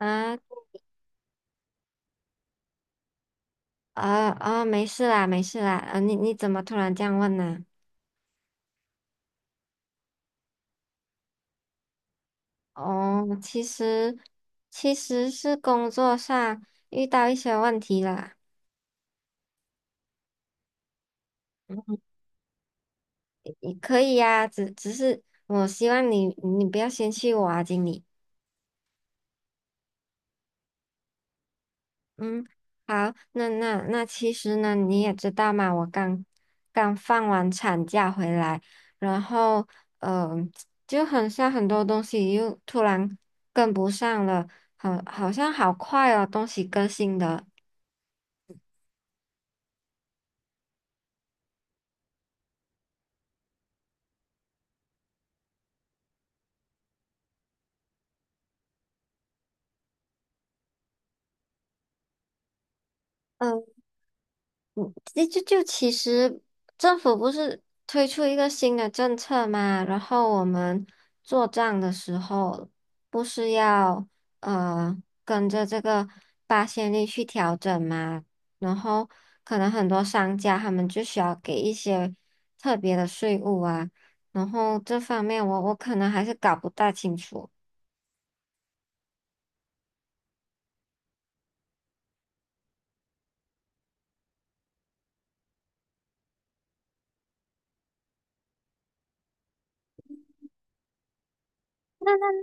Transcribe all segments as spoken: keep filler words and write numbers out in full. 啊啊啊！没事啦，没事啦。啊，你你怎么突然这样问呢？哦，其实其实是工作上遇到一些问题啦。嗯，你可以呀、只只是我希望你你不要嫌弃我啊，经理。嗯，好，那那那其实呢，你也知道嘛，我刚刚放完产假回来，然后嗯、呃就很像很多东西又突然跟不上了。好，好像好快哦，东西更新的。就就就其实政府不是推出一个新的政策嘛，然后我们做账的时候不是要呃跟着这个八仙率去调整嘛，然后可能很多商家他们就需要给一些特别的税务啊。然后这方面我我可能还是搞不大清楚。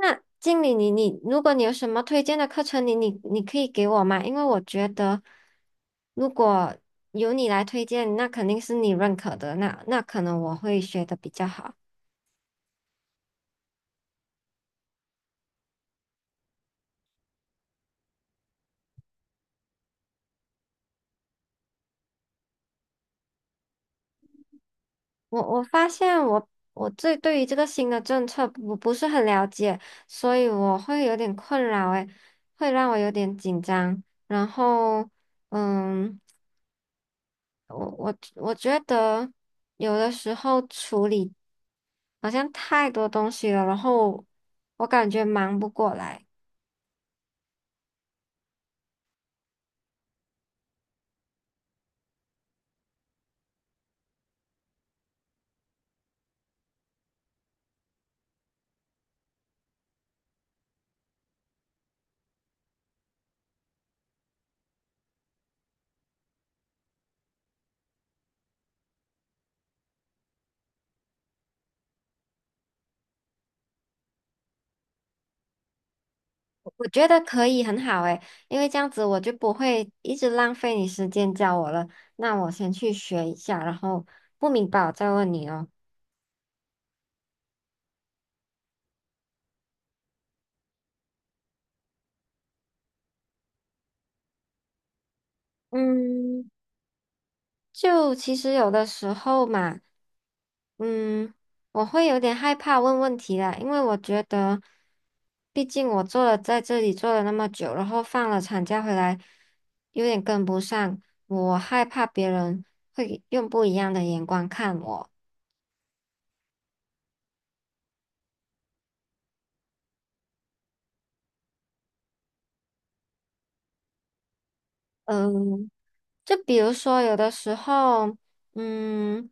那经理你，你如果你有什么推荐的课程，你你你可以给我吗？因为我觉得，如果由你来推荐，那肯定是你认可的，那那可能我会学的比较好。我我发现我我这对于这个新的政策不不是很了解，所以我会有点困扰，诶，会让我有点紧张。然后，嗯，我我我觉得有的时候处理，好像太多东西了，然后我感觉忙不过来。我觉得可以，很好诶，因为这样子我就不会一直浪费你时间教我了。那我先去学一下，然后不明白我再问你哦。嗯，就其实有的时候嘛，嗯，我会有点害怕问问题啦。因为我觉得，毕竟我做了在这里做了那么久，然后放了产假回来，有点跟不上，我害怕别人会用不一样的眼光看我。嗯，就比如说有的时候，嗯。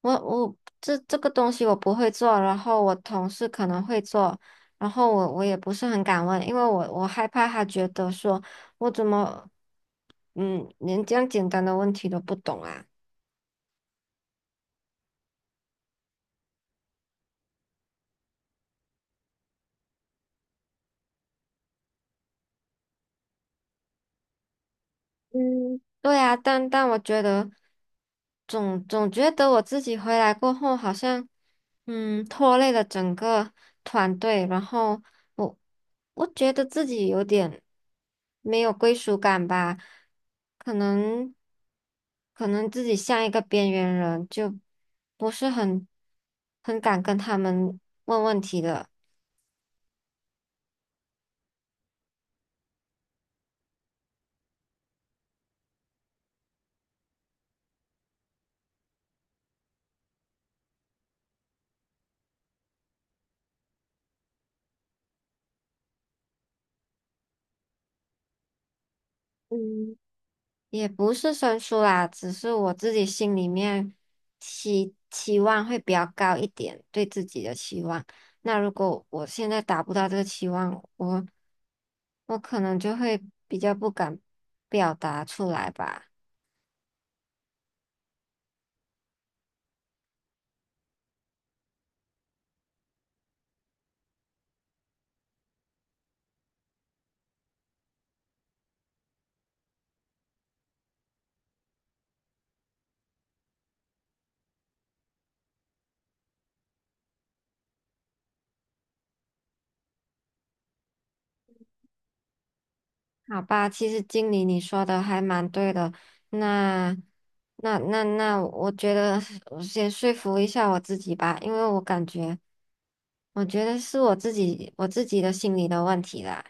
我我这这个东西我不会做，然后我同事可能会做，然后我我也不是很敢问，因为我我害怕他觉得说我怎么，嗯，连这样简单的问题都不懂啊。嗯，对啊，但但我觉得总总觉得我自己回来过后，好像嗯拖累了整个团队。然后我我觉得自己有点没有归属感吧，可能可能自己像一个边缘人，就不是很很敢跟他们问问题的。嗯。也不是生疏啦，只是我自己心里面期期望会比较高一点，对自己的期望。那如果我现在达不到这个期望，我我可能就会比较不敢表达出来吧。好吧，其实经理你说的还蛮对的。那那那那，我觉得我先说服一下我自己吧，因为我感觉，我觉得是我自己我自己的心理的问题啦。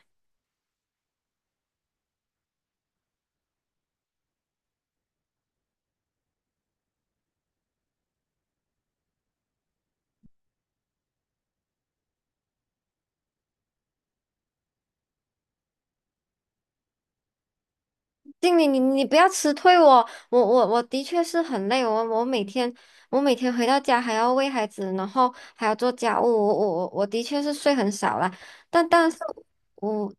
经理，你你不要辞退我，我我我的确是很累。我我每天我每天回到家还要喂孩子，然后还要做家务，我我我我的确是睡很少啦，但但是我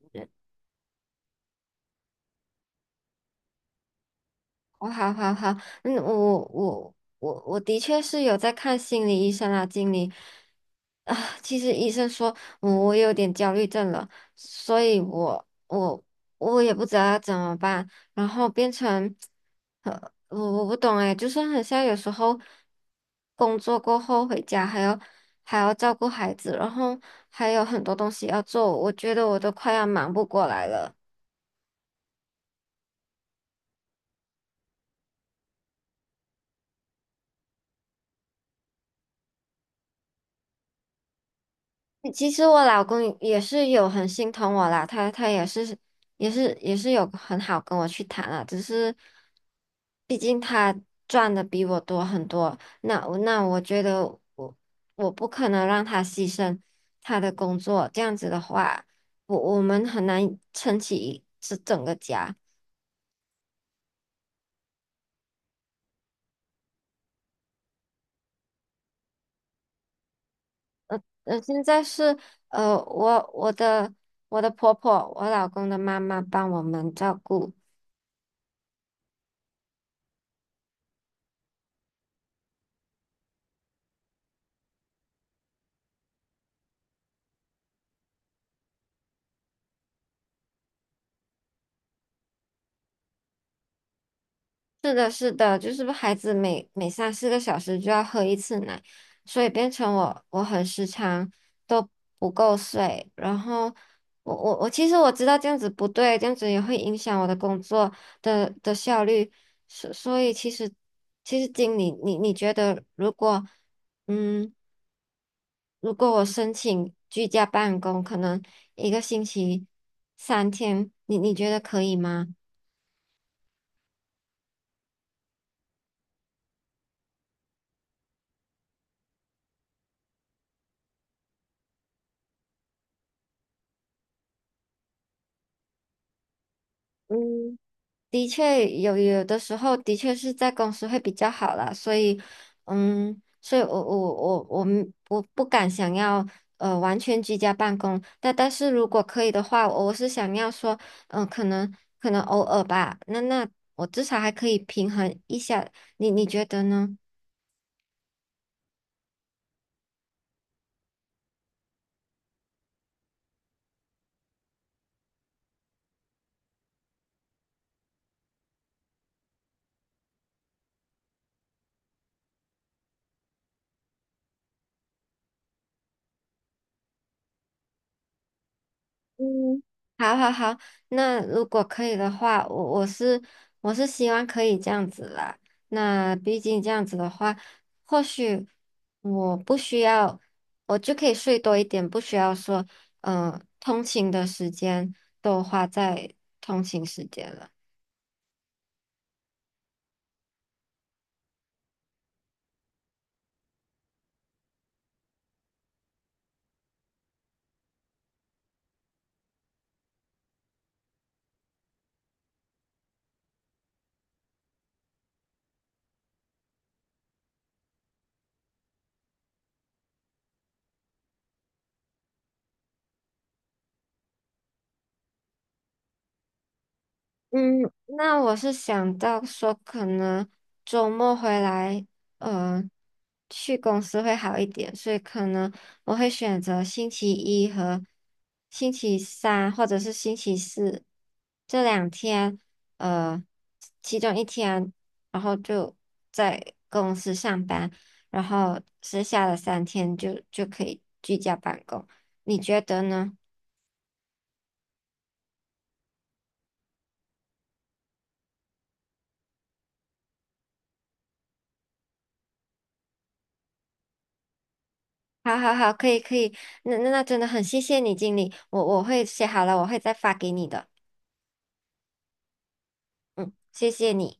我好好好，嗯，我我我我的确是有在看心理医生啊，经理啊。其实医生说我我有点焦虑症了，所以我我我也不知道要怎么办，然后变成，呃，我我不懂哎，就是很像有时候工作过后回家还要还要照顾孩子，然后还有很多东西要做，我觉得我都快要忙不过来了。其实我老公也是有很心疼我啦，他他也是也是也是有很好跟我去谈啊。只是毕竟他赚的比我多很多，那我那我觉得我我不可能让他牺牲他的工作，这样子的话，我我们很难撑起这整个家。嗯，现在是呃，我我的我的婆婆，我老公的妈妈帮我们照顾。是的，是的，就是孩子每每三四个小时就要喝一次奶，所以变成我我很时常都不够睡。然后我我我其实我知道这样子不对，这样子也会影响我的工作的的效率。所所以其实其实经理，你你觉得如果嗯，如果我申请居家办公，可能一个星期三天，你你觉得可以吗？嗯，的确有有的时候的确是在公司会比较好啦。所以，嗯，所以我我我我们我不敢想要呃完全居家办公，但但是如果可以的话，我是想要说，嗯、可能可能偶尔吧，那那我至少还可以平衡一下，你你觉得呢？嗯，好好好，那如果可以的话，我我是我是希望可以这样子啦。那毕竟这样子的话，或许我不需要，我就可以睡多一点，不需要说，嗯、通勤的时间都花在通勤时间了。嗯，那我是想到说，可能周末回来，呃，去公司会好一点。所以可能我会选择星期一和星期三，或者是星期四这两天，呃，其中一天，然后就在公司上班，然后剩下的三天就就可以居家办公，你觉得呢？好好好，可以可以，那那那真的很谢谢你，经理，我我会写好了，我会再发给你的。嗯，谢谢你。